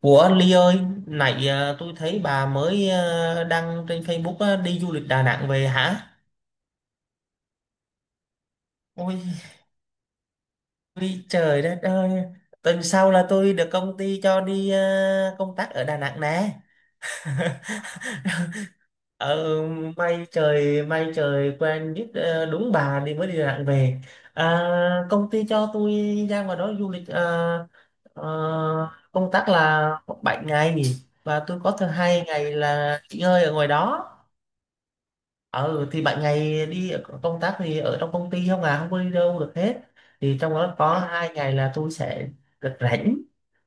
Ủa Ly ơi, nãy à, tôi thấy bà mới à, đăng trên Facebook á, đi du lịch Đà Nẵng về hả? Ôi, ôi trời đất ơi, tuần sau là tôi được công ty cho đi à, công tác ở Đà Nẵng nè. Ờ, may trời quen biết à, đúng bà đi mới đi Đà Nẵng về. À, công ty cho tôi ra ngoài đó du lịch à, công tác là 7 ngày và tôi có thứ 2 ngày là nghỉ ngơi ở ngoài đó. Ờ thì bạn ngày đi công tác thì ở trong công ty không, à không có đi đâu được hết, thì trong đó có 2 ngày là tôi sẽ được rảnh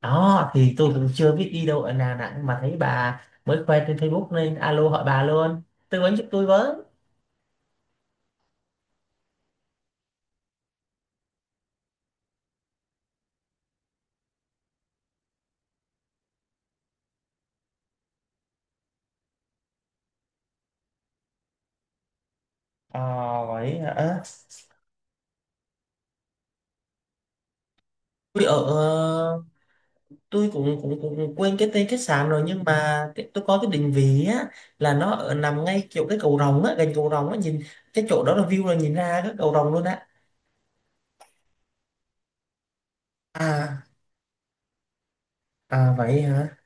đó. Thì tôi cũng chưa biết đi đâu ở Đà Nẵng mà thấy bà mới khoe trên Facebook nên alo hỏi bà luôn, tư vấn giúp tôi với. Ờ vậy hả. Tôi ở ờ, tôi cũng cũng cũng quên cái tên khách sạn rồi, nhưng mà tôi có cái định vị á, là nó ở nằm ngay chỗ cái cầu rồng á, gần cầu rồng á, nhìn cái chỗ đó là view là nhìn ra cái cầu rồng luôn á. À à vậy hả.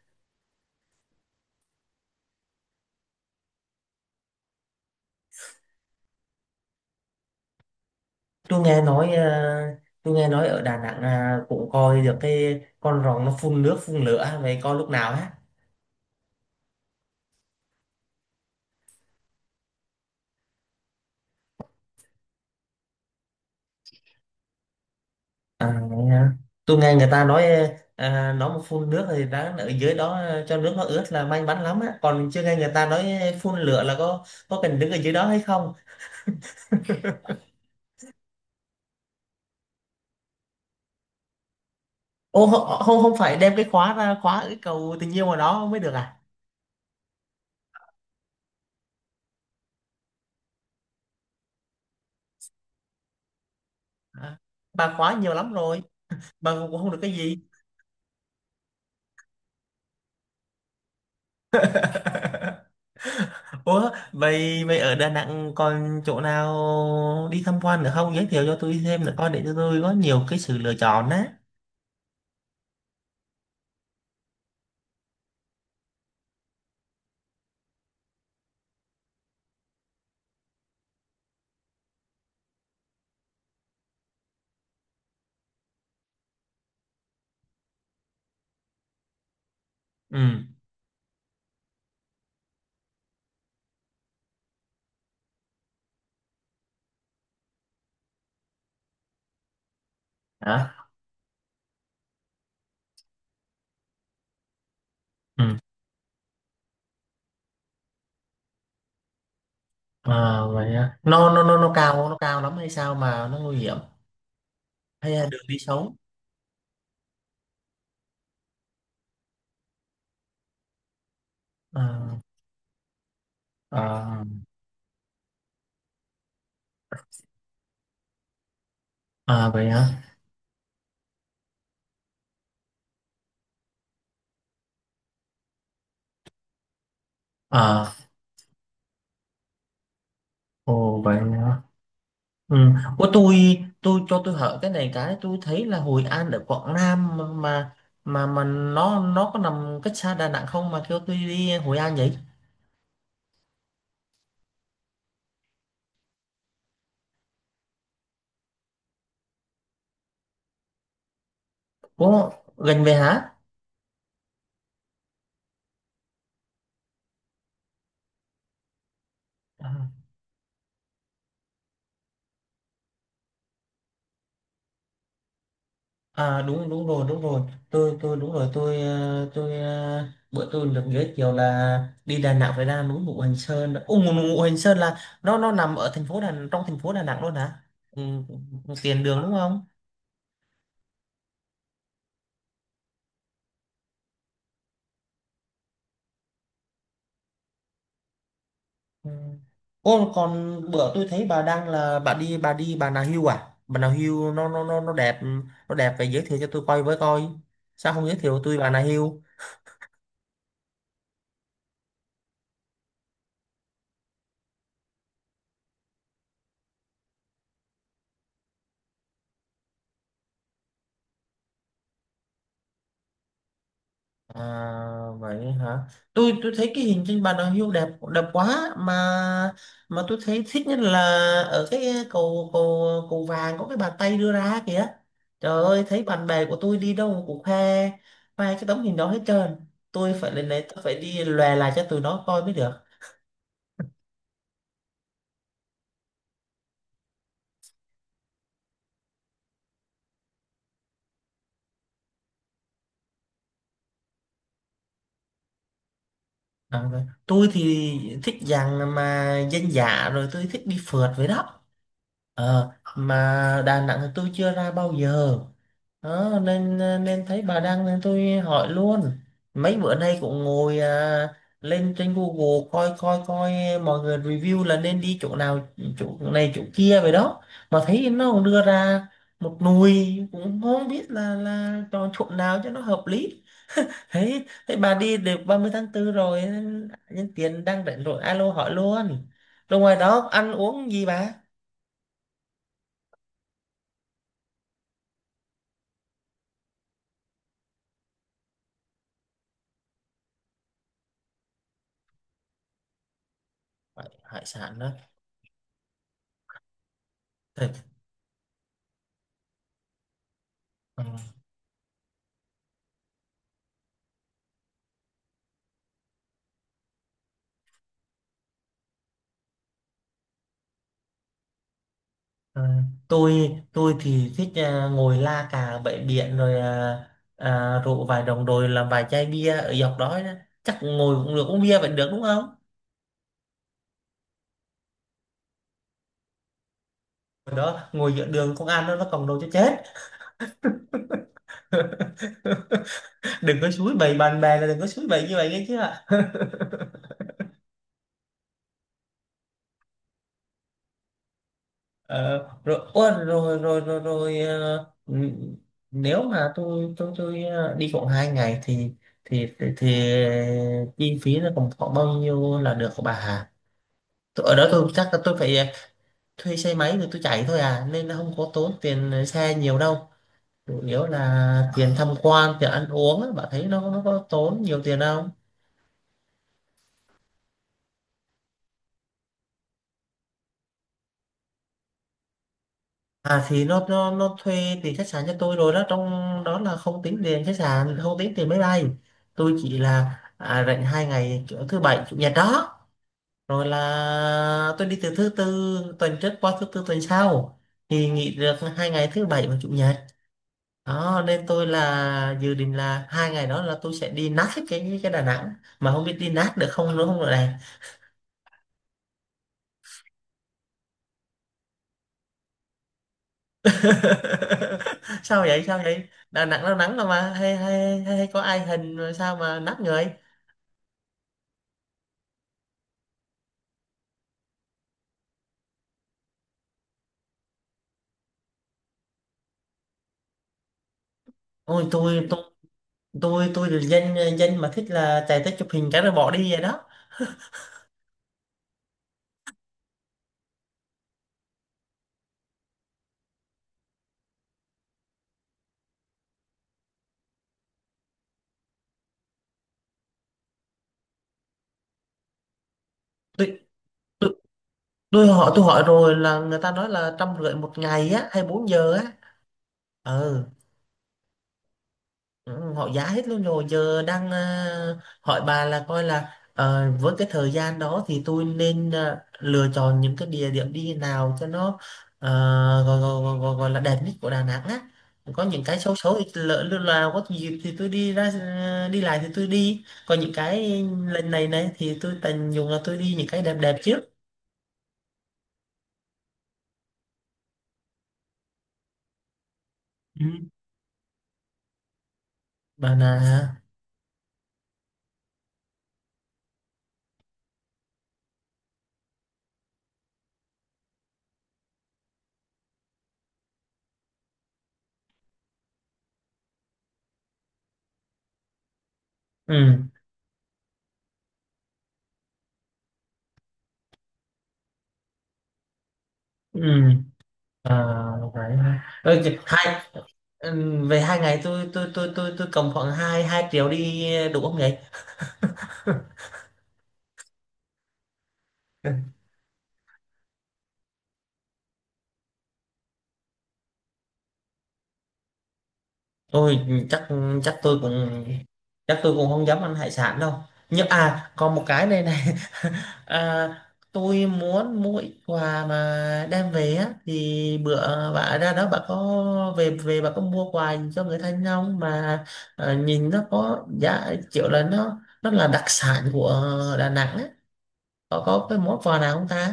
Tôi nghe nói ờ, tôi nghe nói ở Đà Nẵng à, cũng coi được cái con rồng nó phun nước phun lửa vậy coi lúc nào á. À, vậy hả? Tôi nghe người ta nói ờ, nó mà phun nước thì đáng ở dưới đó ờ, cho nước nó ướt là may mắn lắm á, còn chưa nghe người ta nói phun lửa là có cần đứng ở dưới đó hay không. Ô không không không, phải đem cái khóa ra khóa cái cầu tình yêu mà đó mới được à. À, bà khóa nhiều lắm rồi, bà cũng không được cái gì. Ủa, vậy vậy ở Đà Nẵng còn chỗ nào đi tham quan nữa không? Giới thiệu cho tôi thêm nữa coi để cho tôi có nhiều cái sự lựa chọn á. Ừ. Hả? Ừ. À, vậy á. Nó cao lắm hay sao mà nó nguy hiểm, hay là đường đi xấu? À, à, Vậy hả. À, ồ vậy hả. Ừ. Ủa tôi cho tôi hỏi cái này, cái tôi thấy là Hội An ở Quảng Nam mà, mà nó có nằm cách xa Đà Nẵng không mà kêu tôi đi Hội An vậy? Ủa, gần về hả? À, à, đúng đúng rồi đúng rồi. Tôi đúng rồi, bữa tôi được giới thiệu là đi Đà Nẵng phải ra núi Ngũ Hành Sơn. Ồ, Ngũ Ngũ Hành Sơn là nó nằm ở thành phố Đà trong thành phố Đà Nẵng luôn hả? Ừ, ừ, tiền đường đúng không? Ừ. Ô còn bữa tôi thấy bà đang là bà đi bà Nà Hills à? Bà Nà Hills nó đẹp phải giới thiệu cho tôi coi với coi. Sao không giới thiệu tôi Bà Nà Hills? À, vậy hả? Tôi thấy cái hình trên bàn đằng hưu đẹp, đẹp quá mà tôi thấy thích nhất là ở cái cầu cầu cầu vàng có cái bàn tay đưa ra kìa. Trời ơi, thấy bạn bè của tôi đi đâu cũng khoe, khoe cái tấm hình đó hết trơn. Tôi phải lên đấy, tôi phải đi lòe lại cho tụi nó coi mới được. À, rồi. Tôi thì thích dạng mà dân dã, rồi tôi thích đi phượt với đó. Ờ, mà Đà Nẵng thì tôi chưa ra bao giờ. Đó, nên thấy bà đăng nên tôi hỏi luôn, mấy bữa nay cũng ngồi à, lên trên Google coi coi coi mọi người review là nên đi chỗ nào, chỗ này chỗ kia vậy đó, mà thấy nó cũng đưa ra một nùi cũng không biết là chọn chỗ nào cho nó hợp lý. Thấy thấy bà đi được 30/4 rồi nên nhân tiện đang rảnh rồi alo hỏi luôn. Rồi ngoài đó ăn uống gì bà? Hải hải sản đó. Ừ. Ờ, tôi thì thích à, ngồi la cà bãi biển rồi à, à, rượu vài đồng rồi làm vài chai bia ở dọc đó đó. Chắc ngồi cũng được, uống bia vẫn được đúng không? Ở đó ngồi giữa đường công an nó còng đầu cho chết. Đừng có suối bày bạn bè, là đừng có suối bày như vậy nghe chứ ạ. Ờ, rồi, ủa, rồi rồi rồi rồi ờ, ừ, nếu mà đi khoảng 2 ngày thì thì chi phí nó còn khoảng bao nhiêu là được của bà Hà? Tôi- ở đó tôi chắc là tôi phải ờ, thuê xe máy thì tôi chạy thôi à, nên nó không có tốn tiền xe nhiều đâu, chủ yếu là tiền tham quan tiền ăn uống á, bạn thấy nó có tốn nhiều tiền không. À thì nó thuê tiền khách sạn cho tôi rồi đó, trong đó là không tính tiền khách sạn, không tính tiền máy bay. Tôi chỉ là à, rảnh 2 ngày kiểu thứ bảy chủ nhật đó, rồi là tôi đi từ thứ tư tuần trước qua thứ tư tuần sau, thì nghỉ được 2 ngày thứ bảy và chủ nhật đó, nên tôi là dự định là 2 ngày đó là tôi sẽ đi nát hết cái Đà Nẵng mà không biết đi nát được không nữa không rồi này. Sao vậy sao vậy, Đà Nẵng nó nắng rồi mà hay có ai hình rồi sao mà nát người. Ôi tôi là dân dân mà thích là chạy tới chụp hình cái rồi bỏ đi vậy đó. Tôi tôi tôi hỏi tôi hỏi rồi là người ta nói là 150 một ngày á hay 4 giờ á. Ừ. Ừ, họ giá hết luôn rồi, giờ đang ờ, hỏi bà là coi là ờ, với cái thời gian đó thì tôi nên ờ, lựa chọn những cái địa điểm đi nào cho nó ờ, gọi là đẹp nhất của Đà Nẵng á, có những cái xấu xấu thì lỡ lúc nào có dịp thì tôi đi ra ờ, đi lại thì tôi đi, còn những cái lần này này thì tôi tận dụng là tôi đi những cái đẹp đẹp trước. Ừ. Bà là. Ừ ừ. À, vậy ha. Ừ, hai. Ừ, về 2 ngày tôi cầm khoảng hai hai triệu đi đủ không vậy? Tôi chắc chắc tôi cũng chắc tôi cũng không dám ăn hải sản đâu, nhưng à còn một cái này này. À, tôi muốn mua ít quà mà đem về á, thì bữa bà ra đó bà có về về bà có mua quà cho người thân không mà, à, nhìn nó có giá kiểu là nó là đặc sản của Đà Nẵng á, có cái món quà nào không ta.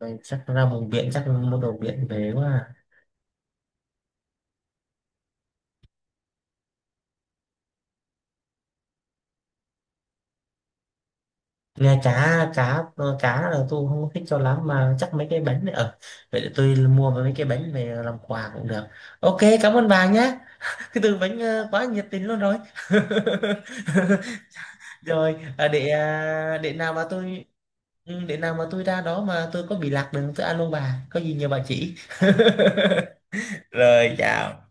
Đây, chắc ra vùng biển chắc mua đồ biển về quá à. Nghe cá cá ờ, cá là tôi không thích cho lắm, mà chắc mấy cái bánh này ở, vậy để tôi mua mấy cái bánh về làm quà cũng được. Ok cảm ơn bà nhé, cái từ bánh ờ, quá nhiệt tình luôn rồi. Rồi, để nào mà tôi, ừ, để nào mà tôi ra đó mà tôi có bị lạc đường tôi alo bà có gì nhờ bà chỉ. Rồi chào.